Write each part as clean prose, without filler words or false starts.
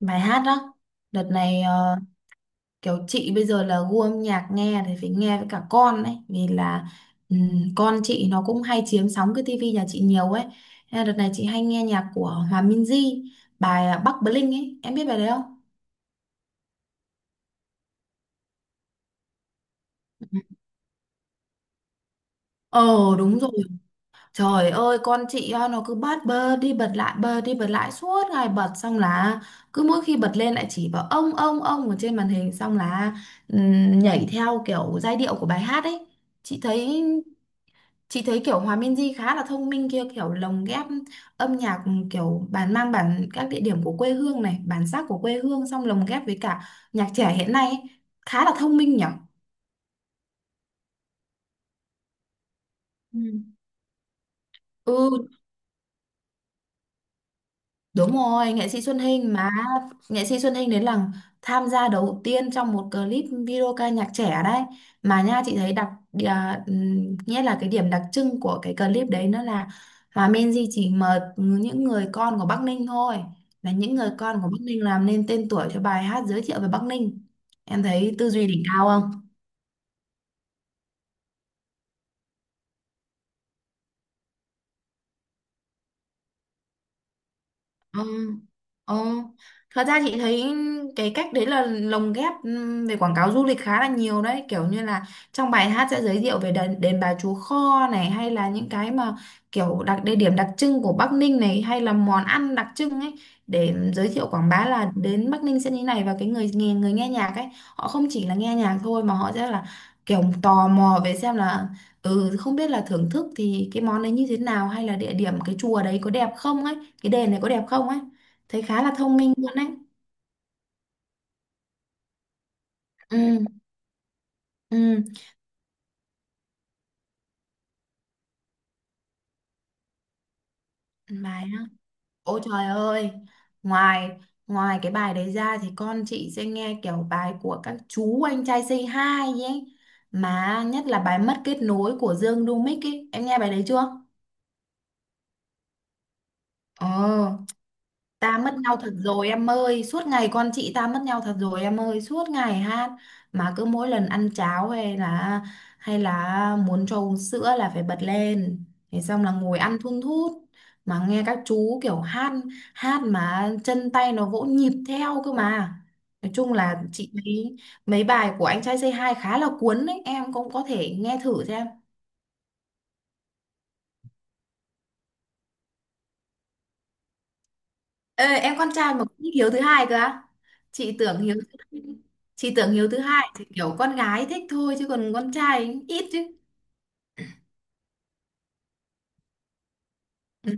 Bài hát đó, đợt này kiểu chị bây giờ là gu âm nhạc nghe thì phải nghe với cả con ấy vì là con chị nó cũng hay chiếm sóng cái tivi nhà chị nhiều ấy. Nên là đợt này chị hay nghe nhạc của Hòa Minzy, bài Bắc Bling ấy, em biết bài đấy không? ờ Đúng rồi, trời ơi con chị à, nó cứ bắt bơ đi bật lại suốt ngày, bật xong là cứ mỗi khi bật lên lại chỉ vào ông ở trên màn hình, xong là nhảy theo kiểu giai điệu của bài hát ấy. Chị thấy Chị thấy kiểu Hòa Minzy khá là thông minh kia, kiểu lồng ghép âm nhạc, kiểu bản các địa điểm của quê hương này, bản sắc của quê hương, xong lồng ghép với cả nhạc trẻ hiện nay ấy. Khá là thông minh nhở. Ừ. Ừ. Đúng rồi, nghệ sĩ Xuân Hinh mà, nghệ sĩ Xuân Hinh đến là tham gia đầu tiên trong một clip video ca nhạc trẻ đấy. Mà nha chị thấy nghĩa là cái điểm đặc trưng của cái clip đấy nó là Hòa Minzy chỉ mời những người con của Bắc Ninh thôi. Là những người con của Bắc Ninh làm nên tên tuổi cho bài hát giới thiệu về Bắc Ninh. Em thấy tư duy đỉnh cao. Ờ, ờ. Thật ra chị thấy cái cách đấy là lồng ghép về quảng cáo du lịch khá là nhiều đấy, kiểu như là trong bài hát sẽ giới thiệu về đền Bà Chúa Kho này, hay là những cái mà kiểu địa điểm đặc trưng của Bắc Ninh này, hay là món ăn đặc trưng ấy, để giới thiệu quảng bá là đến Bắc Ninh sẽ như thế này. Và cái người nghe nhạc ấy, họ không chỉ là nghe nhạc thôi mà họ sẽ là kiểu tò mò về xem là ừ không biết là thưởng thức thì cái món đấy như thế nào, hay là địa điểm cái chùa đấy có đẹp không ấy, cái đèn này có đẹp không ấy. Thấy khá là thông minh luôn đấy. Ừ. Ừ. Bài đó. Ôi trời ơi, ngoài ngoài cái bài đấy ra thì con chị sẽ nghe kiểu bài của các chú anh trai Say Hi ấy, mà nhất là bài mất kết nối của Dương Đu Mích ấy, em nghe bài đấy chưa? Ờ. Ta mất nhau thật rồi em ơi, suốt ngày con chị, ta mất nhau thật rồi em ơi, suốt ngày hát, mà cứ mỗi lần ăn cháo hay là muốn cho uống sữa là phải bật lên. Thế xong là ngồi ăn thun thút mà nghe các chú kiểu hát, hát mà chân tay nó vỗ nhịp theo cơ mà. Nói chung là chị thấy mấy bài của anh trai Say Hi khá là cuốn đấy, em cũng có thể nghe thử xem. Ê, em con trai mà cũng thích Hiếu thứ hai cơ á? chị tưởng hiếu thứ chị tưởng Hiếu thứ hai thì kiểu con gái thích thôi chứ còn con trai ít chứ. Ừ.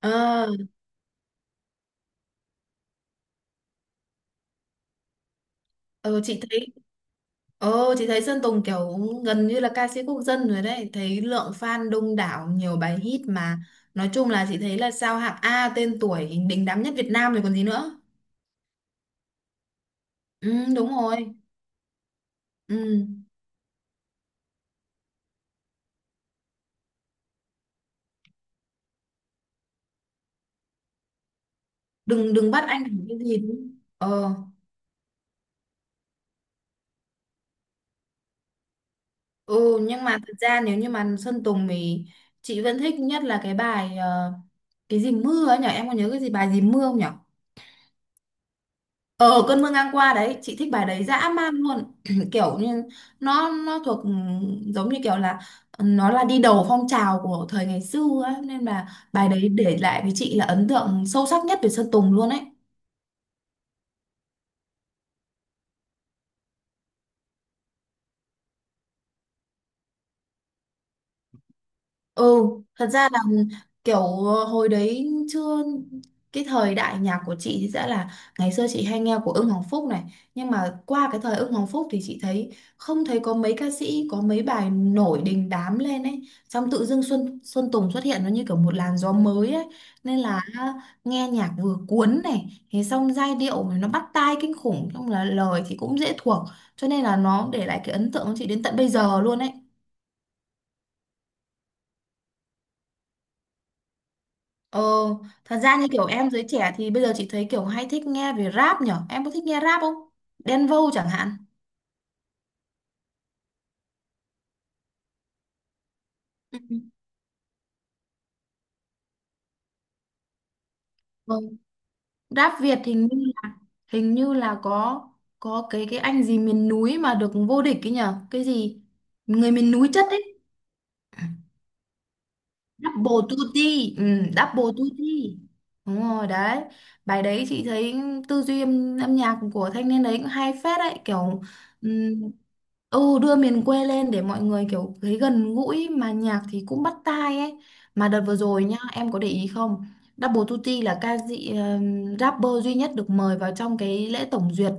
ờ ờ, chị thấy, chị thấy Sơn Tùng kiểu gần như là ca sĩ quốc dân rồi đấy, thấy lượng fan đông đảo, nhiều bài hit mà. Nói chung là chị thấy là sao hạng A, tên tuổi đình đám nhất Việt Nam rồi còn gì nữa. Ừ, đúng rồi. Ừ. Đừng đừng bắt anh làm cái gì đúng. Ờ Ừ nhưng mà thật ra nếu như mà Sơn Tùng thì chị vẫn thích nhất là cái bài cái gì mưa ấy nhở, em có nhớ cái gì bài gì mưa không nhở? Ờ, cơn mưa ngang qua đấy, chị thích bài đấy dã man luôn kiểu như nó thuộc giống như kiểu là nó là đi đầu phong trào của thời ngày xưa ấy, nên là bài đấy để lại với chị là ấn tượng sâu sắc nhất về Sơn Tùng luôn ấy. Ừ, thật ra là kiểu hồi đấy chưa, cái thời đại nhạc của chị thì sẽ là ngày xưa chị hay nghe của Ưng Hoàng Phúc này, nhưng mà qua cái thời Ưng Hoàng Phúc thì chị thấy không thấy có mấy ca sĩ có mấy bài nổi đình đám lên ấy, xong tự dưng Xuân Xuân Tùng xuất hiện nó như kiểu một làn gió mới ấy, nên là nghe nhạc vừa cuốn này, thế xong giai điệu nó bắt tai kinh khủng, xong là lời thì cũng dễ thuộc, cho nên là nó để lại cái ấn tượng của chị đến tận bây giờ luôn ấy. Ờ, thật ra như kiểu em giới trẻ thì bây giờ chị thấy kiểu hay thích nghe về rap nhở. Em có thích nghe rap không? Đen Vâu chẳng hạn. Ừ. Vâng. Rap Việt hình như là có cái anh gì miền núi mà được vô địch ấy nhở. Cái gì? Người miền núi chất ấy. Double Duty. ừ, Double Duty, đúng rồi đấy. Bài đấy chị thấy tư duy âm nhạc của thanh niên đấy cũng hay phết đấy, kiểu ừm, đưa miền quê lên để mọi người kiểu thấy gần gũi, mà nhạc thì cũng bắt tai ấy. Mà đợt vừa rồi nhá, em có để ý không? Double Tutti là ca sĩ rapper duy nhất được mời vào trong cái lễ tổng duyệt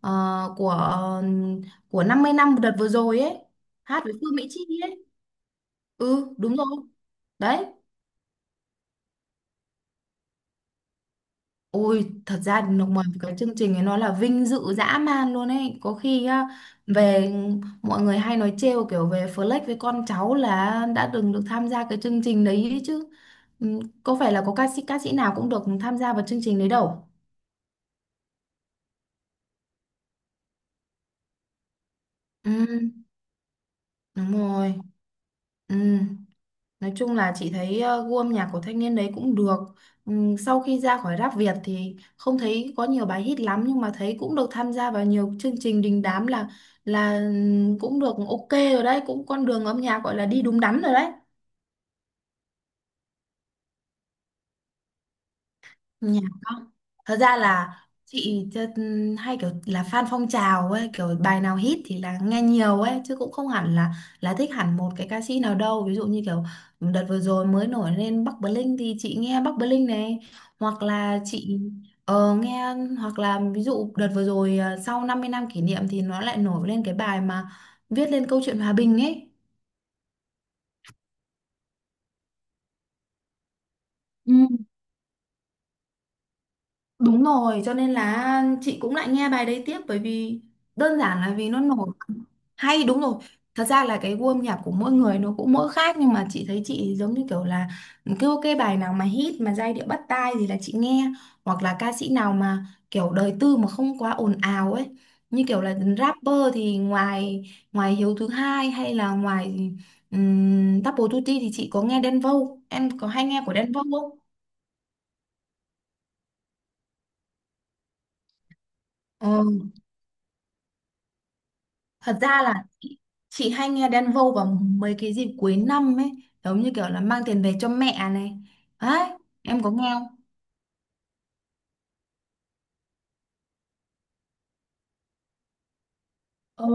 ờ, của của 50 năm đợt vừa rồi ấy, hát với Phương Mỹ Chi ấy. Ừ, đúng rồi đấy. Ôi, thật ra nó ngoài cái chương trình ấy nó là vinh dự dã man luôn ấy. Có khi á, về mọi người hay nói trêu kiểu về Flex với con cháu là đã từng được tham gia cái chương trình đấy ấy chứ. Ừ, có phải là có ca sĩ nào cũng được tham gia vào chương trình đấy đâu. Ừ, đúng rồi. Ừ. Nói chung là chị thấy gu âm nhạc của thanh niên đấy cũng được. Sau khi ra khỏi rap Việt thì không thấy có nhiều bài hit lắm, nhưng mà thấy cũng được tham gia vào nhiều chương trình đình đám, là cũng được ok rồi đấy, cũng con đường âm nhạc gọi là đi đúng đắn rồi đấy. Nhạc không, thật ra là chị chơ- hay kiểu là fan phong trào ấy, kiểu bài nào hit thì là nghe nhiều ấy chứ cũng không hẳn là thích hẳn một cái ca sĩ nào đâu. Ví dụ như kiểu đợt vừa rồi mới nổi lên Bắc Bling thì chị nghe Bắc Bling này, hoặc là chị nghe, hoặc là ví dụ đợt vừa rồi sau 50 năm kỷ niệm thì nó lại nổi lên cái bài mà viết lên câu chuyện hòa bình ấy. Đúng rồi, cho nên là chị cũng lại nghe bài đấy tiếp, bởi vì đơn giản là vì nó nổi, hay, đúng rồi. Thật ra là cái gu âm nhạc của mỗi người nó cũng mỗi khác, nhưng mà chị thấy chị giống như kiểu là cứ cái bài nào mà hit mà giai điệu bắt tai thì là chị nghe, hoặc là ca sĩ nào mà kiểu đời tư mà không quá ồn ào ấy. Như kiểu là rapper thì ngoài ngoài Hiếu thứ hai, hay là ngoài Double Duty thì chị có nghe Đen Vâu. Em có hay nghe của Đen Vâu không? Thật ra là chị, chị hay nghe Đen Vâu vào mấy cái dịp cuối năm ấy, giống như kiểu là mang tiền về cho mẹ này. Đấy, em có nghe không? Ờ,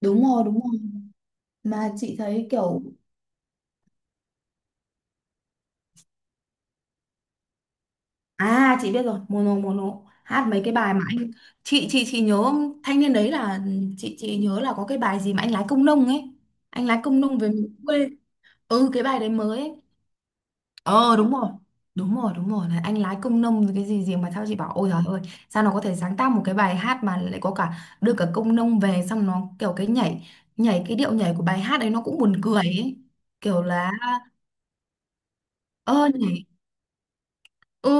đúng rồi, đúng rồi. Mà chị thấy kiểu à, chị biết rồi, Mono. Mono hát mấy cái bài mà anh, chị nhớ, thanh niên đấy là chị nhớ là có cái bài gì mà anh lái công nông ấy. Anh lái công nông về miền quê. Ừ cái bài đấy mới ấy. Ờ đúng rồi, đúng rồi đúng rồi. Này, anh lái công nông rồi cái gì gì mà, sao chị bảo ôi trời ơi, sao nó có thể sáng tác một cái bài hát mà lại có cả đưa cả công nông về. Xong nó kiểu cái nhảy, nhảy cái điệu nhảy của bài hát ấy, nó cũng buồn cười ấy. Kiểu là ơ nhảy. Ừ.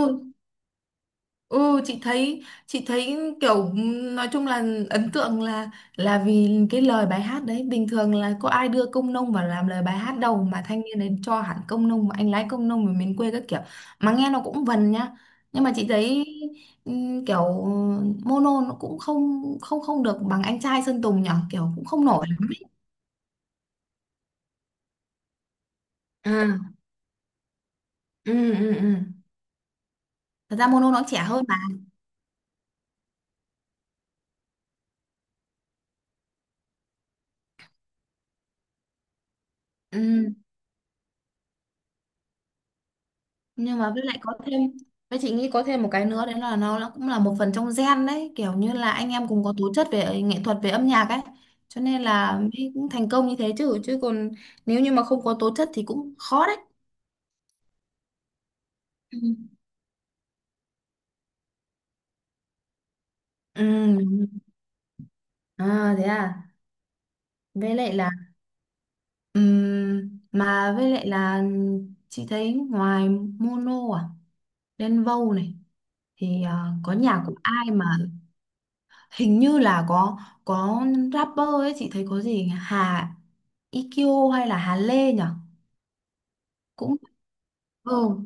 Ừ chị thấy, chị thấy kiểu nói chung là ấn tượng là vì cái lời bài hát đấy bình thường là có ai đưa công nông vào làm lời bài hát đâu, mà thanh niên đấy cho hẳn công nông, anh lái công nông ở miền quê các kiểu, mà nghe nó cũng vần nhá. Nhưng mà chị thấy kiểu Mono nó cũng không không không được bằng anh trai Sơn Tùng nhở, kiểu cũng không nổi lắm ấy. Ừ, ừ, ừ, ừ. Thật ra Mono nó trẻ hơn mà. Ừ. Nhưng mà với lại có thêm, với chị nghĩ có thêm một cái nữa đấy là nó cũng là một phần trong gen đấy, kiểu như là anh em cùng có tố chất về nghệ thuật về âm nhạc ấy, cho nên là mới cũng thành công như thế, chứ chứ còn nếu như mà không có tố chất thì cũng khó đấy. Ừ. Ừ. À, thế à, với lại là mà với lại là chị thấy ngoài Mono, à Đen Vâu này, thì à, có nhạc của ai mà hình như là có rapper ấy, chị thấy có gì nhỉ? Hà IQ hay là Hà Lê nhỉ, cũng ừ,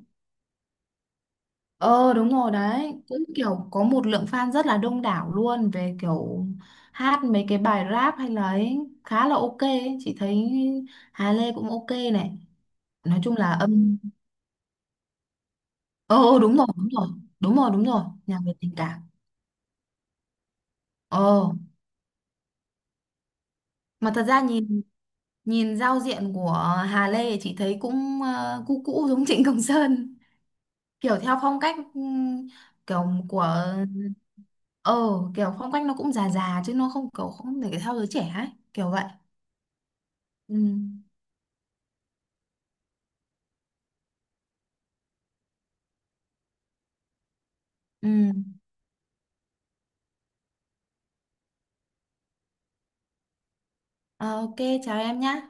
ờ đúng rồi đấy, cũng kiểu có một lượng fan rất là đông đảo luôn về kiểu hát mấy cái bài rap hay là ấy, khá là ok ấy. Chị thấy Hà Lê cũng ok này, nói chung là đúng rồi, đúng rồi, đúng rồi, đúng rồi, nhạc về tình cảm. ờ mà thật ra nhìn, nhìn giao diện của Hà Lê thì chị thấy cũng cũ cũ giống Trịnh Công Sơn, kiểu theo phong cách kiểu của ờ kiểu phong cách nó cũng già già chứ nó không kiểu không để theo giới trẻ ấy, kiểu vậy. Ừ. Ừ. Ờ, ok, chào em nhá.